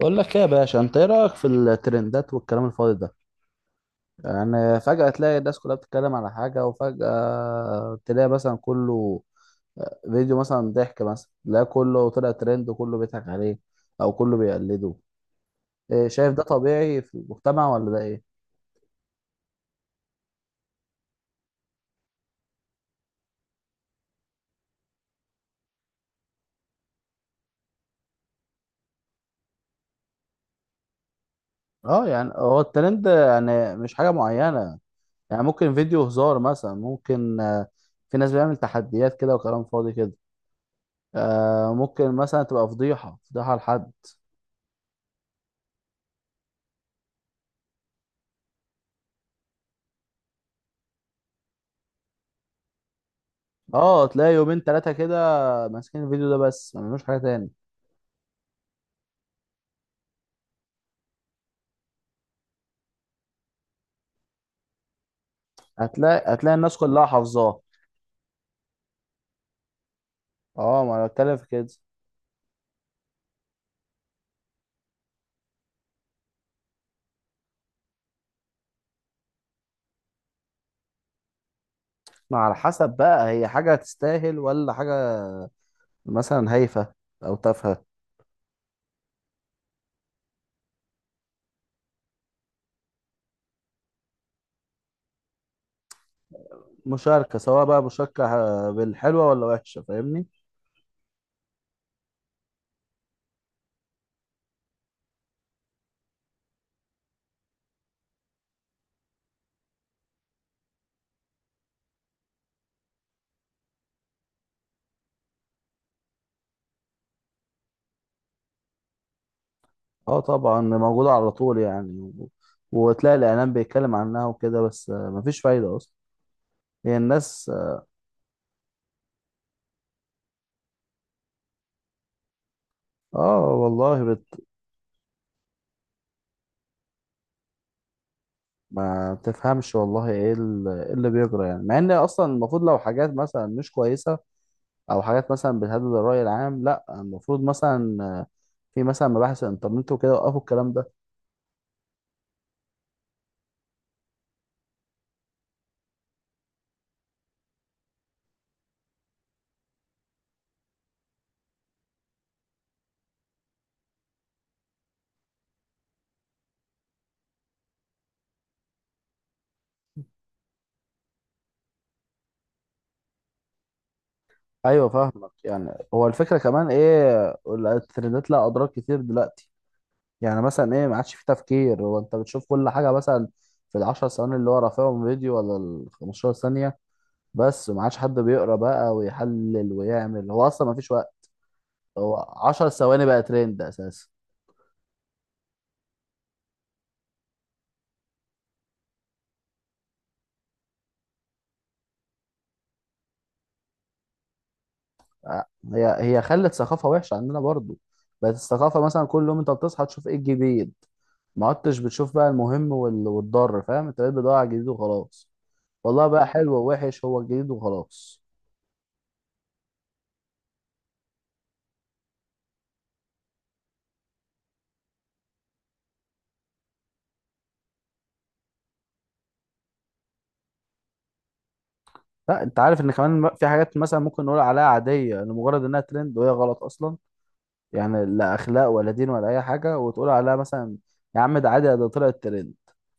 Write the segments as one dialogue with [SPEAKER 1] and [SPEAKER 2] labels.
[SPEAKER 1] بقول لك ايه يا باشا، انت ايه رايك في الترندات والكلام الفاضي ده؟ يعني فجاه تلاقي الناس كلها بتتكلم على حاجه، وفجاه تلاقي مثلا كله فيديو مثلا ضحك، مثلا لا كله طلع ترند وكله بيضحك عليه او كله بيقلده. إيه شايف ده طبيعي في المجتمع ولا ده ايه؟ اه يعني هو الترند يعني مش حاجه معينه. يعني ممكن فيديو هزار مثلا، ممكن في ناس بيعمل تحديات كده وكلام فاضي كده. ممكن مثلا تبقى فضيحه فضيحه لحد. اه تلاقي يومين ثلاثة كده ماسكين الفيديو ده بس ما بيعملوش حاجة تاني. هتلاقي الناس كلها حافظاه. اه ما انا بتكلم في كده. ما على حسب بقى، هي حاجة تستاهل ولا حاجة. مثلا هايفة أو تافهة. مشاركة، سواء بقى مشاركة بالحلوة ولا وحشة، فاهمني. اه طبعا موجودة على طول، يعني. وتلاقي الإعلام بيتكلم عنها وكده، بس مفيش فايدة أصلا. هي الناس. اه والله ما تفهمش والله ايه إيه اللي بيجرى يعني، مع ان اصلا المفروض لو حاجات مثلا مش كويسه، او حاجات مثلا بتهدد الراي العام، لا المفروض مثلا في مثلا مباحث الانترنت وكده وقفوا الكلام ده. ايوه فاهمك. يعني هو الفكره كمان ايه؟ الترندات لها اضرار كتير دلوقتي. يعني مثلا ايه، ما عادش في تفكير. هو انت بتشوف كل حاجه مثلا في العشر ثواني اللي هو رافعهم فيديو، ولا ال 15 ثانيه. بس ما عادش حد بيقرا بقى ويحلل ويعمل، هو اصلا ما فيش. هو 10 ثواني بقى ترند اساسا. آه، هي خلت ثقافه وحشه عندنا برضو. بقت الثقافه مثلا كل يوم انت بتصحى تشوف ايه الجديد. ما عدتش بتشوف بقى المهم والضار، فاهم؟ انت بقيت بتدور على الجديد وخلاص. والله بقى حلو ووحش، هو الجديد وخلاص. لا انت عارف ان كمان في حاجات مثلا ممكن نقول عليها عاديه لمجرد انها ترند وهي غلط اصلا. يعني لا اخلاق ولا دين ولا اي حاجه، وتقول عليها مثلا يا عم ده عادي، ده طلعت ترند،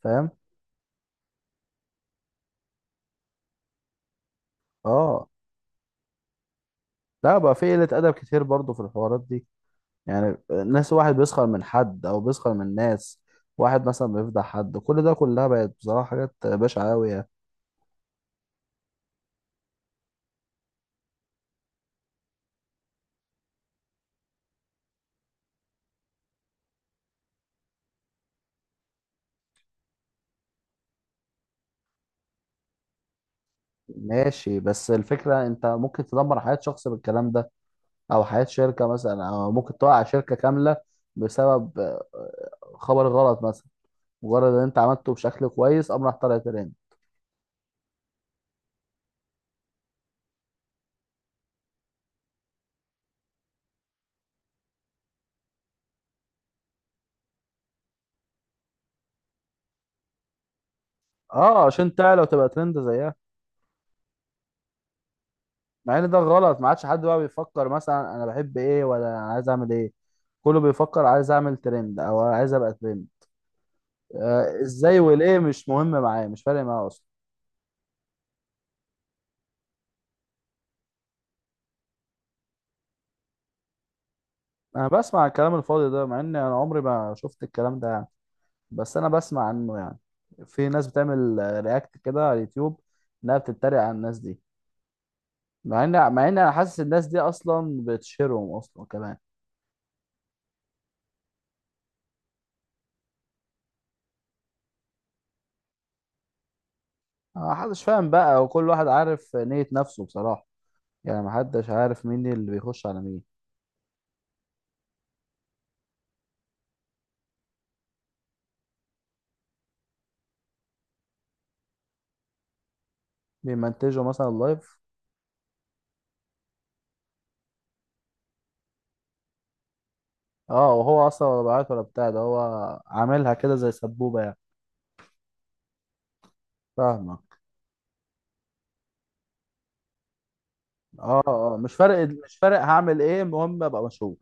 [SPEAKER 1] فاهم؟ اه لا بقى، في قله ادب كتير برضو في الحوارات دي. يعني ناس، واحد بيسخر من حد او بيسخر من ناس، واحد مثلا بيفضح حد، كل ده كلها بقت بصراحة حاجات بشعة أوي يعني. ماشي، بس الفكرة انت ممكن تدمر حياة شخص بالكلام ده، او حياة شركة مثلا، او ممكن توقع شركة كاملة بسبب خبر غلط مثلا، مجرد ان انت عملته بشكل كويس قام راح طالع ترند. اه عشان تعلى وتبقى ترند زيها. مع ان ده غلط، ما عادش حد بقى بيفكر مثلا انا بحب ايه ولا أنا عايز اعمل ايه. كله بيفكر عايز اعمل ترند او عايز ابقى ترند. ازاي والايه مش مهم معايا، مش فارق معايا اصلا. انا بسمع الكلام الفاضي ده، مع ان انا عمري ما شفت الكلام ده يعني. بس انا بسمع عنه يعني. في ناس بتعمل رياكت كده على اليوتيوب، انها بتتريق على الناس دي، مع ان انا حاسس الناس دي اصلا بتشهرهم اصلا كمان. ما حدش فاهم بقى، وكل واحد عارف نية نفسه بصراحة. يعني ما حدش عارف مين اللي بيخش على مين. بيمنتجوا مثلا لايف. اه، وهو اصلا ولا بعت ولا بتاع ده. هو عاملها كده زي سبوبة يعني. فاهمة. اه اه، مش فارق مش فارق، هعمل ايه المهم ابقى مشهور.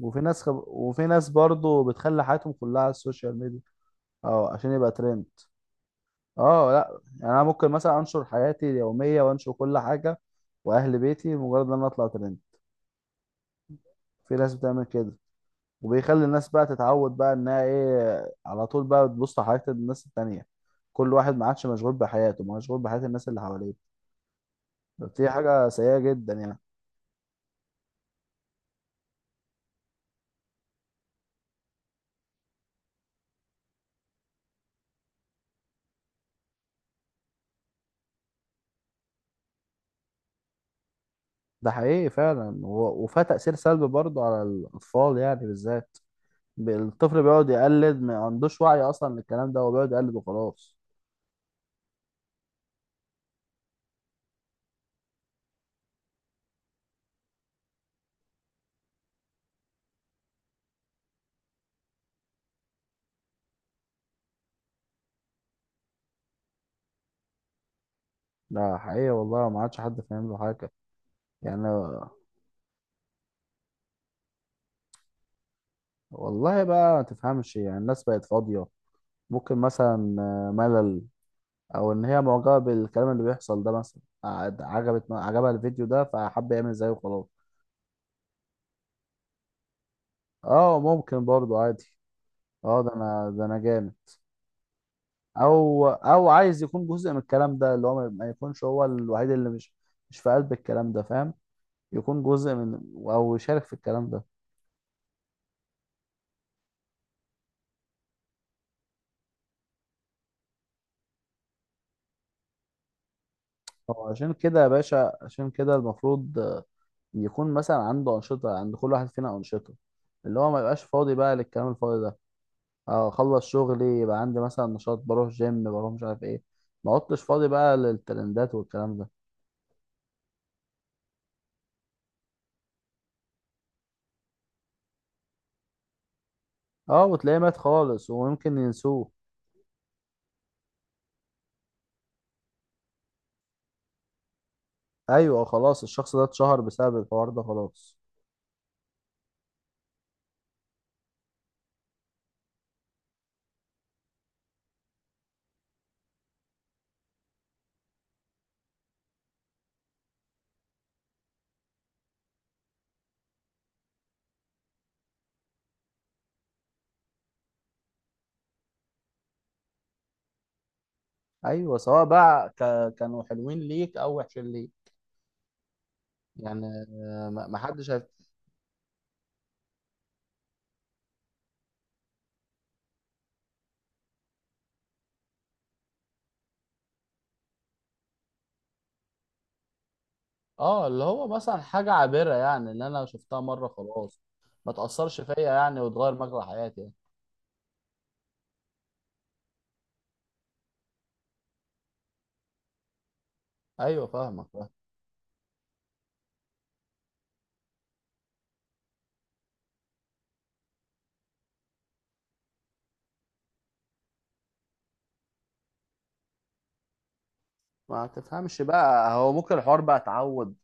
[SPEAKER 1] وفي ناس برضو بتخلي حياتهم كلها على السوشيال ميديا. اه عشان يبقى ترند. اه لا يعني انا ممكن مثلا انشر حياتي اليوميه وانشر كل حاجه واهل بيتي، مجرد ان انا اطلع ترند. في ناس بتعمل كده. وبيخلي الناس بقى تتعود بقى انها ايه، على طول بقى بتبص على حياة الناس التانية. كل واحد ما عادش مشغول بحياته، مشغول بحياة الناس اللي حواليه. دي حاجة سيئة جدا يعني. ده حقيقي فعلا، وفيها تأثير سلبي برضه على الأطفال يعني بالذات. الطفل بيقعد يقلد، ما عندوش وعي أصلا للكلام ده، هو بيقعد يقلد وخلاص. ده حقيقي والله، ما عادش حد فاهم له حاجة يعني. والله بقى ما تفهمش، يعني الناس بقت فاضية. ممكن مثلا ملل، أو إن هي معجبة بالكلام اللي بيحصل ده. مثلا قعد- عجبت عجبها الفيديو ده فحب يعمل زيه وخلاص. اه ممكن برضه عادي. اه ده انا جامد. او عايز يكون جزء من الكلام ده، اللي هو ما يكونش هو الوحيد اللي مش في قلب الكلام ده، فاهم؟ يكون جزء من، او يشارك في الكلام ده. هو عشان كده يا باشا، عشان كده المفروض يكون مثلا عنده انشطه. عند كل واحد فينا انشطه، اللي هو ما يبقاش فاضي بقى للكلام الفاضي ده. اخلص شغلي، يبقى عندي مثلا نشاط، بروح جيم، بروح مش عارف ايه. ما عدتش فاضي بقى للترندات والكلام ده. اه وتلاقيه مات خالص ويمكن ينسوه. ايوه خلاص، الشخص ده اتشهر بسبب الحوار ده خلاص. ايوه سواء بقى كانوا حلوين ليك او وحشين ليك. يعني ما ما حدش هيف... اه اللي هو مثلا حاجه عابره يعني، اللي انا شفتها مره خلاص ما تاثرش فيا يعني، وتغير مجرى حياتي يعني. ايوه فاهمك فاهم. ما تفهمش بقى. هو ممكن الحوار بقى اتعود،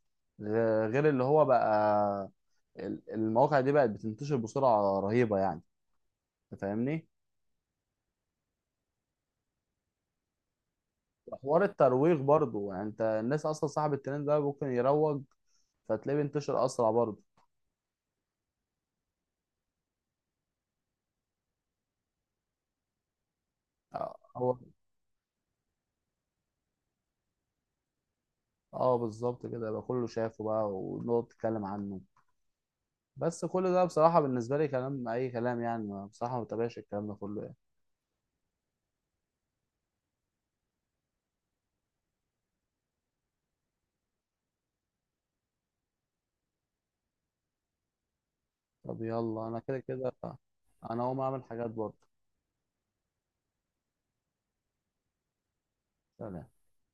[SPEAKER 1] غير اللي هو بقى المواقع دي بقت بتنتشر بسرعه رهيبه يعني. أنت فاهمني. حوار الترويج برضو، يعني انت الناس اصلا صاحب الترند ده ممكن يروج، فتلاقيه بينتشر اسرع برضو. هو اه بالظبط كده، يبقى كله شافه بقى ونقعد نتكلم عنه. بس كل ده بصراحة بالنسبة لي كلام أي كلام يعني، بصراحة ما بتابعش الكلام ده كله يعني. طب يلا أنا كده كده أنا هقوم أعمل حاجات برضه. سلام.